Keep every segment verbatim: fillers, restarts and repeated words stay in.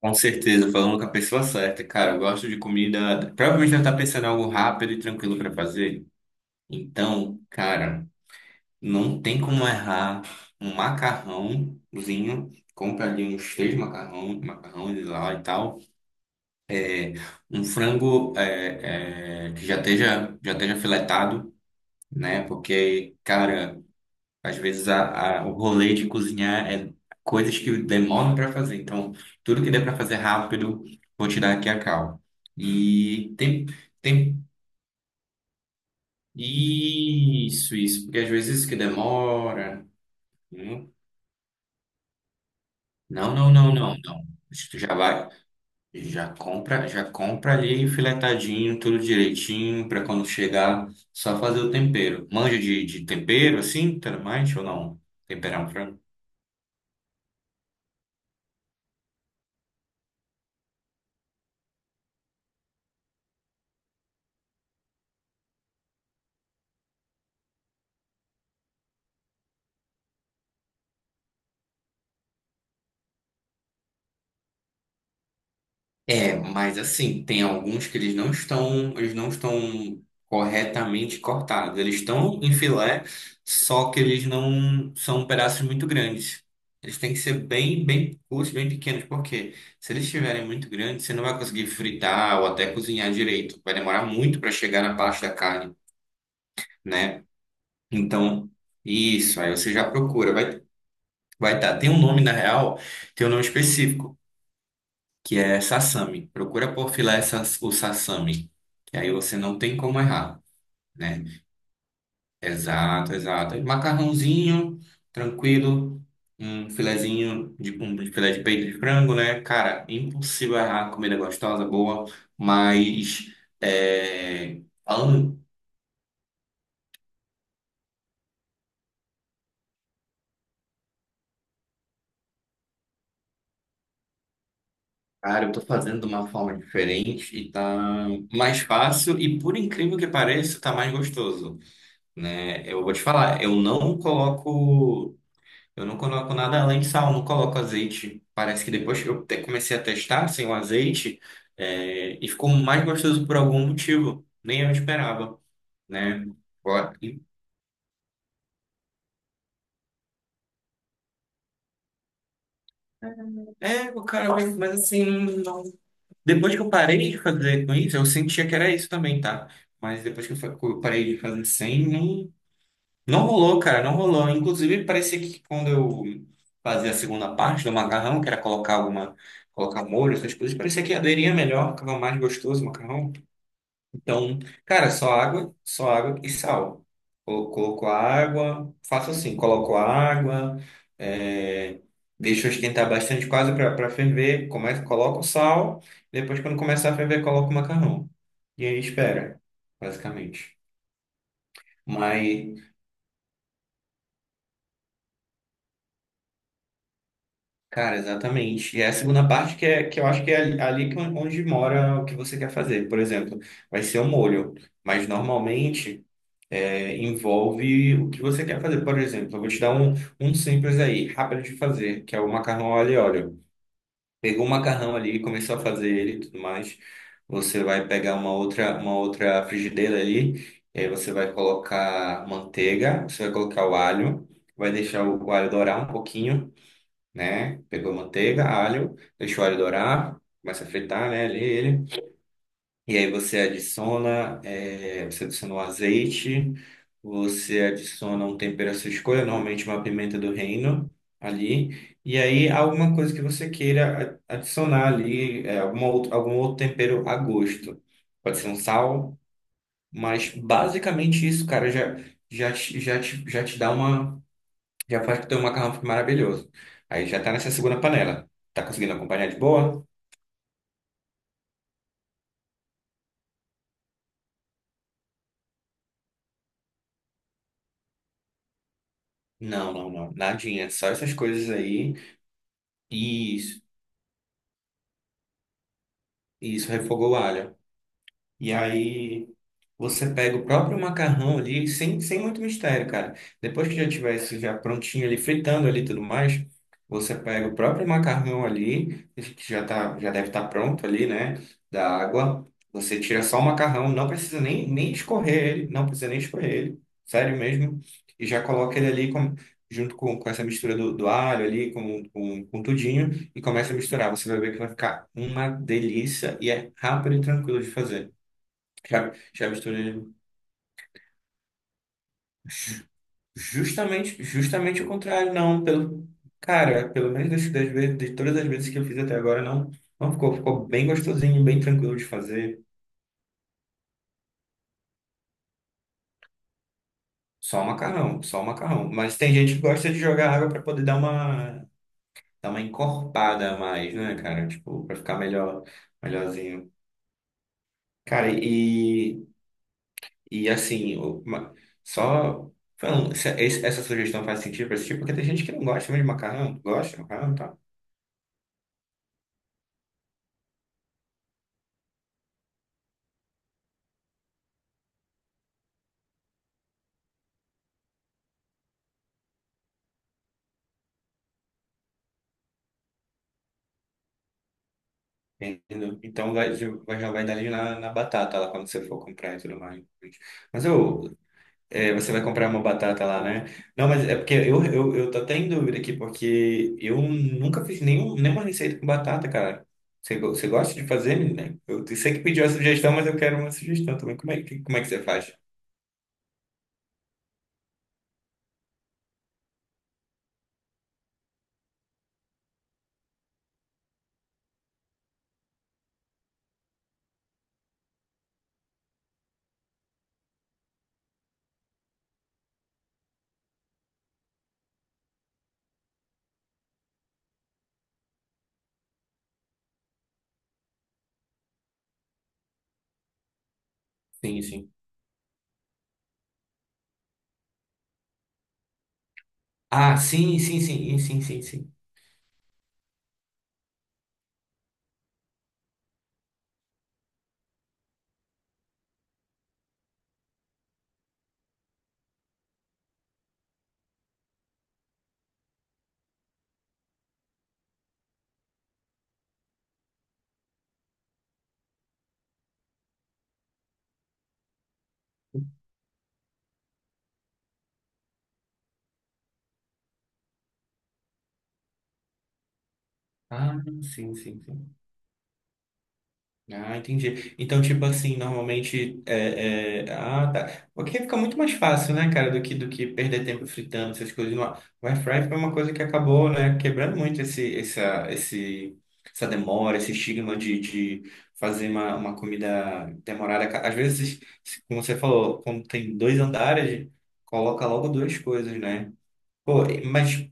Com certeza, falando com a pessoa certa. Cara, eu gosto de comida. Provavelmente ela tá pensando em algo rápido e tranquilo para fazer. Então, cara, não tem como errar um macarrãozinho. Compra ali uns três macarrão, macarrões lá e tal. Um frango é, é, que já esteja, já esteja filetado, né? Porque, cara. Às vezes a, a- o rolê de cozinhar é coisas que demoram para fazer. Então, tudo que der para fazer rápido, vou tirar aqui a cal. E tem, tem isso, isso, porque às vezes isso que demora. hum. Não, não, não, não, não. Acho que tu já vai, já compra, já compra ali filetadinho, tudo direitinho, para quando chegar, só fazer o tempero. Manja de, de tempero assim, tudo mais ou não? Temperar um frango? É, mas assim, tem alguns que eles não estão, eles não estão corretamente cortados. Eles estão em filé, só que eles não são pedaços muito grandes. Eles têm que ser bem, bem curtos, bem pequenos, porque se eles estiverem muito grandes, você não vai conseguir fritar ou até cozinhar direito. Vai demorar muito para chegar na parte da carne, né? Então, isso, aí você já procura. Vai, vai estar. Tem um nome, na real, tem um nome específico, que é sasami. Procura por filé sas- o sasami, que aí você não tem como errar, né? Exato, exato. Macarrãozinho, tranquilo, um filezinho de um filé de peito de frango, né? Cara, impossível errar, comida gostosa, boa, mas é, falando, cara, eu tô fazendo de uma forma diferente e tá mais fácil e, por incrível que pareça, tá mais gostoso, né? Eu vou te falar, eu não coloco eu não coloco nada além de sal, não coloco azeite. Parece que depois que eu te- comecei a testar sem o azeite, é, e ficou mais gostoso por algum motivo. Nem eu esperava, né? Ó, e- É, o cara, mas mas assim, não- depois que eu parei de fazer com isso, eu sentia que era isso também, tá? Mas depois que eu fa- que eu parei de fazer sem, não. Não rolou, cara, não rolou. Inclusive, parecia que quando eu fazia a segunda parte do macarrão, que era colocar alguma, colocar molho, essas coisas, parecia que aderia melhor, ficava mais gostoso o macarrão. Então, cara, só água, só água e sal. Colo- Coloco a água, faço assim, coloco a água, é, deixo esquentar bastante, quase para ferver, começo, coloco o sal, depois quando começar a ferver, coloco o macarrão. E aí espera, basicamente. Mas cara, exatamente. E é a segunda parte que, é, que eu acho que é ali ali que onde mora o que você quer fazer. Por exemplo, vai ser o molho, mas normalmente é, envolve o que você quer fazer. Por exemplo, eu vou te dar um, um simples aí, rápido de fazer, que é o macarrão ao alho e óleo. Pegou o macarrão ali, começou a fazer ele e tudo mais. Você vai pegar uma outra, uma outra frigideira ali, e aí você vai colocar manteiga, você vai colocar o alho, vai deixar o alho dourar um pouquinho, né? Pegou manteiga, alho, deixou o alho dourar, começa a fritar, né, ali ele. E aí você adiciona, é, você adiciona o azeite, você adiciona um tempero à sua escolha, normalmente uma pimenta do reino ali. E aí alguma coisa que você queira a- adicionar ali, é, alguma outro, algum outro tempero a gosto. Pode ser um sal, mas basicamente isso, cara, já, já, te- já, te, já te dá uma já faz que teu macarrão fica maravilhoso. Aí já tá nessa segunda panela. Tá conseguindo acompanhar de boa? Não, não, não. Nadinha. Só essas coisas aí. Isso. Isso, refogou o alho. E aí. Você pega o próprio macarrão ali, sem, sem muito mistério, cara. Depois que já tiver já prontinho ali, fritando ali e tudo mais, você pega o próprio macarrão ali, que já tá, já deve estar pronto ali, né? Da água. Você tira só o macarrão, não precisa nem, nem escorrer ele, não precisa nem escorrer ele, sério mesmo. E já coloca ele ali com- junto com, com essa mistura do, do alho ali, com, com, com tudinho, e começa a misturar. Você vai ver que vai ficar uma delícia e é rápido e tranquilo de fazer. Já, já misturei. Ju- Justamente, justamente o contrário, não. Pelo, cara, pelo menos das, das vezes, de todas as vezes que eu fiz até agora, não, não ficou. Ficou bem gostosinho, bem tranquilo de fazer. Só o macarrão, só o macarrão. Mas tem gente que gosta de jogar água para poder dar uma, dar uma encorpada a mais, né, cara? Tipo, para ficar melhor, melhorzinho. Cara, e, e assim, o- ma- só. Falando, se- esse- essa sugestão faz sentido para esse tipo, porque tem gente que não gosta mesmo de macarrão, gosta de macarrão, tá? Entendeu? Então vai, já vai já vai dar ali na, na batata lá quando você for comprar e tudo mais. Mas eu, é, você vai comprar uma batata lá, né? Não, mas é porque eu, eu, eu tô até em dúvida aqui, porque eu nunca fiz nenhum, nenhuma receita com batata, cara. Você, go- você gosta de fazer, menina? Eu sei que pediu a sugestão, mas eu quero uma sugestão também. Como é, que- como é que você faz? Sim, sim. Ah, sim, sim, sim, sim, sim, sim. Ah, sim, sim, sim. Ah, entendi. Então, tipo assim, normalmente é, é- ah, tá. Porque fica muito mais fácil, né, cara, do que, do que perder tempo fritando essas coisas. No ar. O air fry foi uma coisa que acabou, né, quebrando muito esse, essa, esse, essa demora, esse estigma de, de fazer uma, uma comida demorada. Ca- Às vezes, se- como você falou, quando tem dois andares, coloca logo duas coisas, né? Pô, mas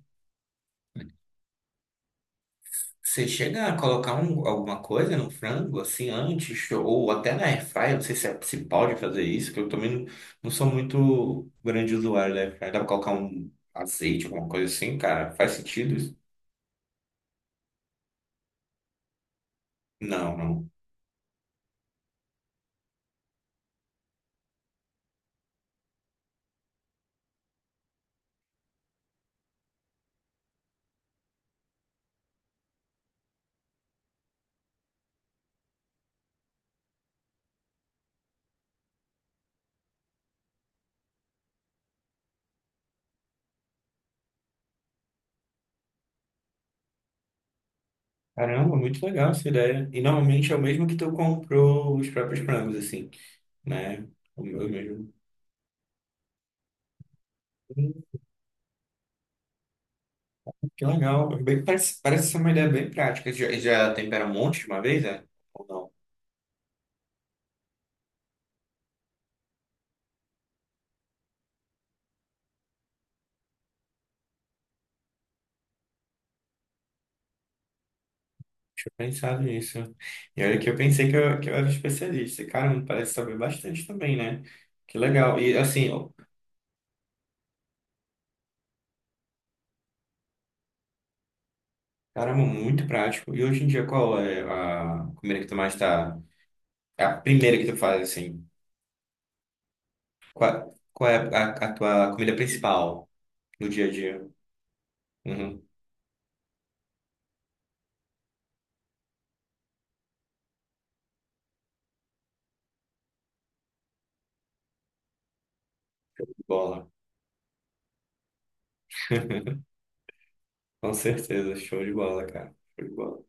Você chega a colocar um- alguma coisa no frango, assim, antes, ou até na airfryer, não sei se, é, se pode fazer isso, que eu também não, não sou muito grande usuário da airfryer. Dá pra colocar um azeite, alguma coisa assim, cara? Faz sentido isso? Não, não. Caramba, muito legal essa ideia. E normalmente é o mesmo que tu comprou os próprios frangos, assim, né? O meu mesmo. Hum, Que legal. Bem, parece, parece ser uma ideia bem prática. Já, já tempera um monte de uma vez, é? Ou não? Deixa eu pensar nisso. E olha que eu pensei que eu, que eu era especialista. Caramba, parece saber bastante também, né? Que legal. E assim, ó, caramba, muito prático. E hoje em dia, qual é a comida que tu mais tá? É a primeira que tu faz, assim. Qual, qual é a, a tua comida principal no dia a dia? Uhum, bola. Com certeza, show de bola, cara. Show de bola.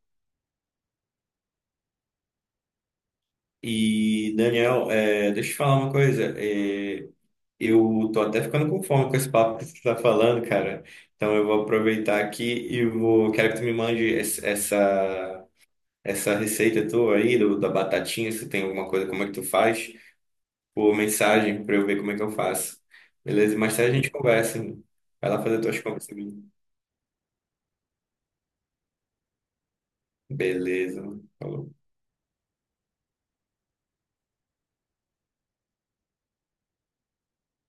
E, Daniel, é, deixa eu te falar uma coisa. Eh, eu tô até ficando com fome com esse papo que você tá falando, cara. Então eu vou aproveitar aqui e vou. Quero que tu me mande es- essa essa receita tua aí do, da batatinha, se tem alguma coisa, como é que tu faz, por mensagem para eu ver como é que eu faço. Beleza? Mais tarde a gente conversa. Vai lá fazer tuas compras. Também. Beleza, mano. Falou.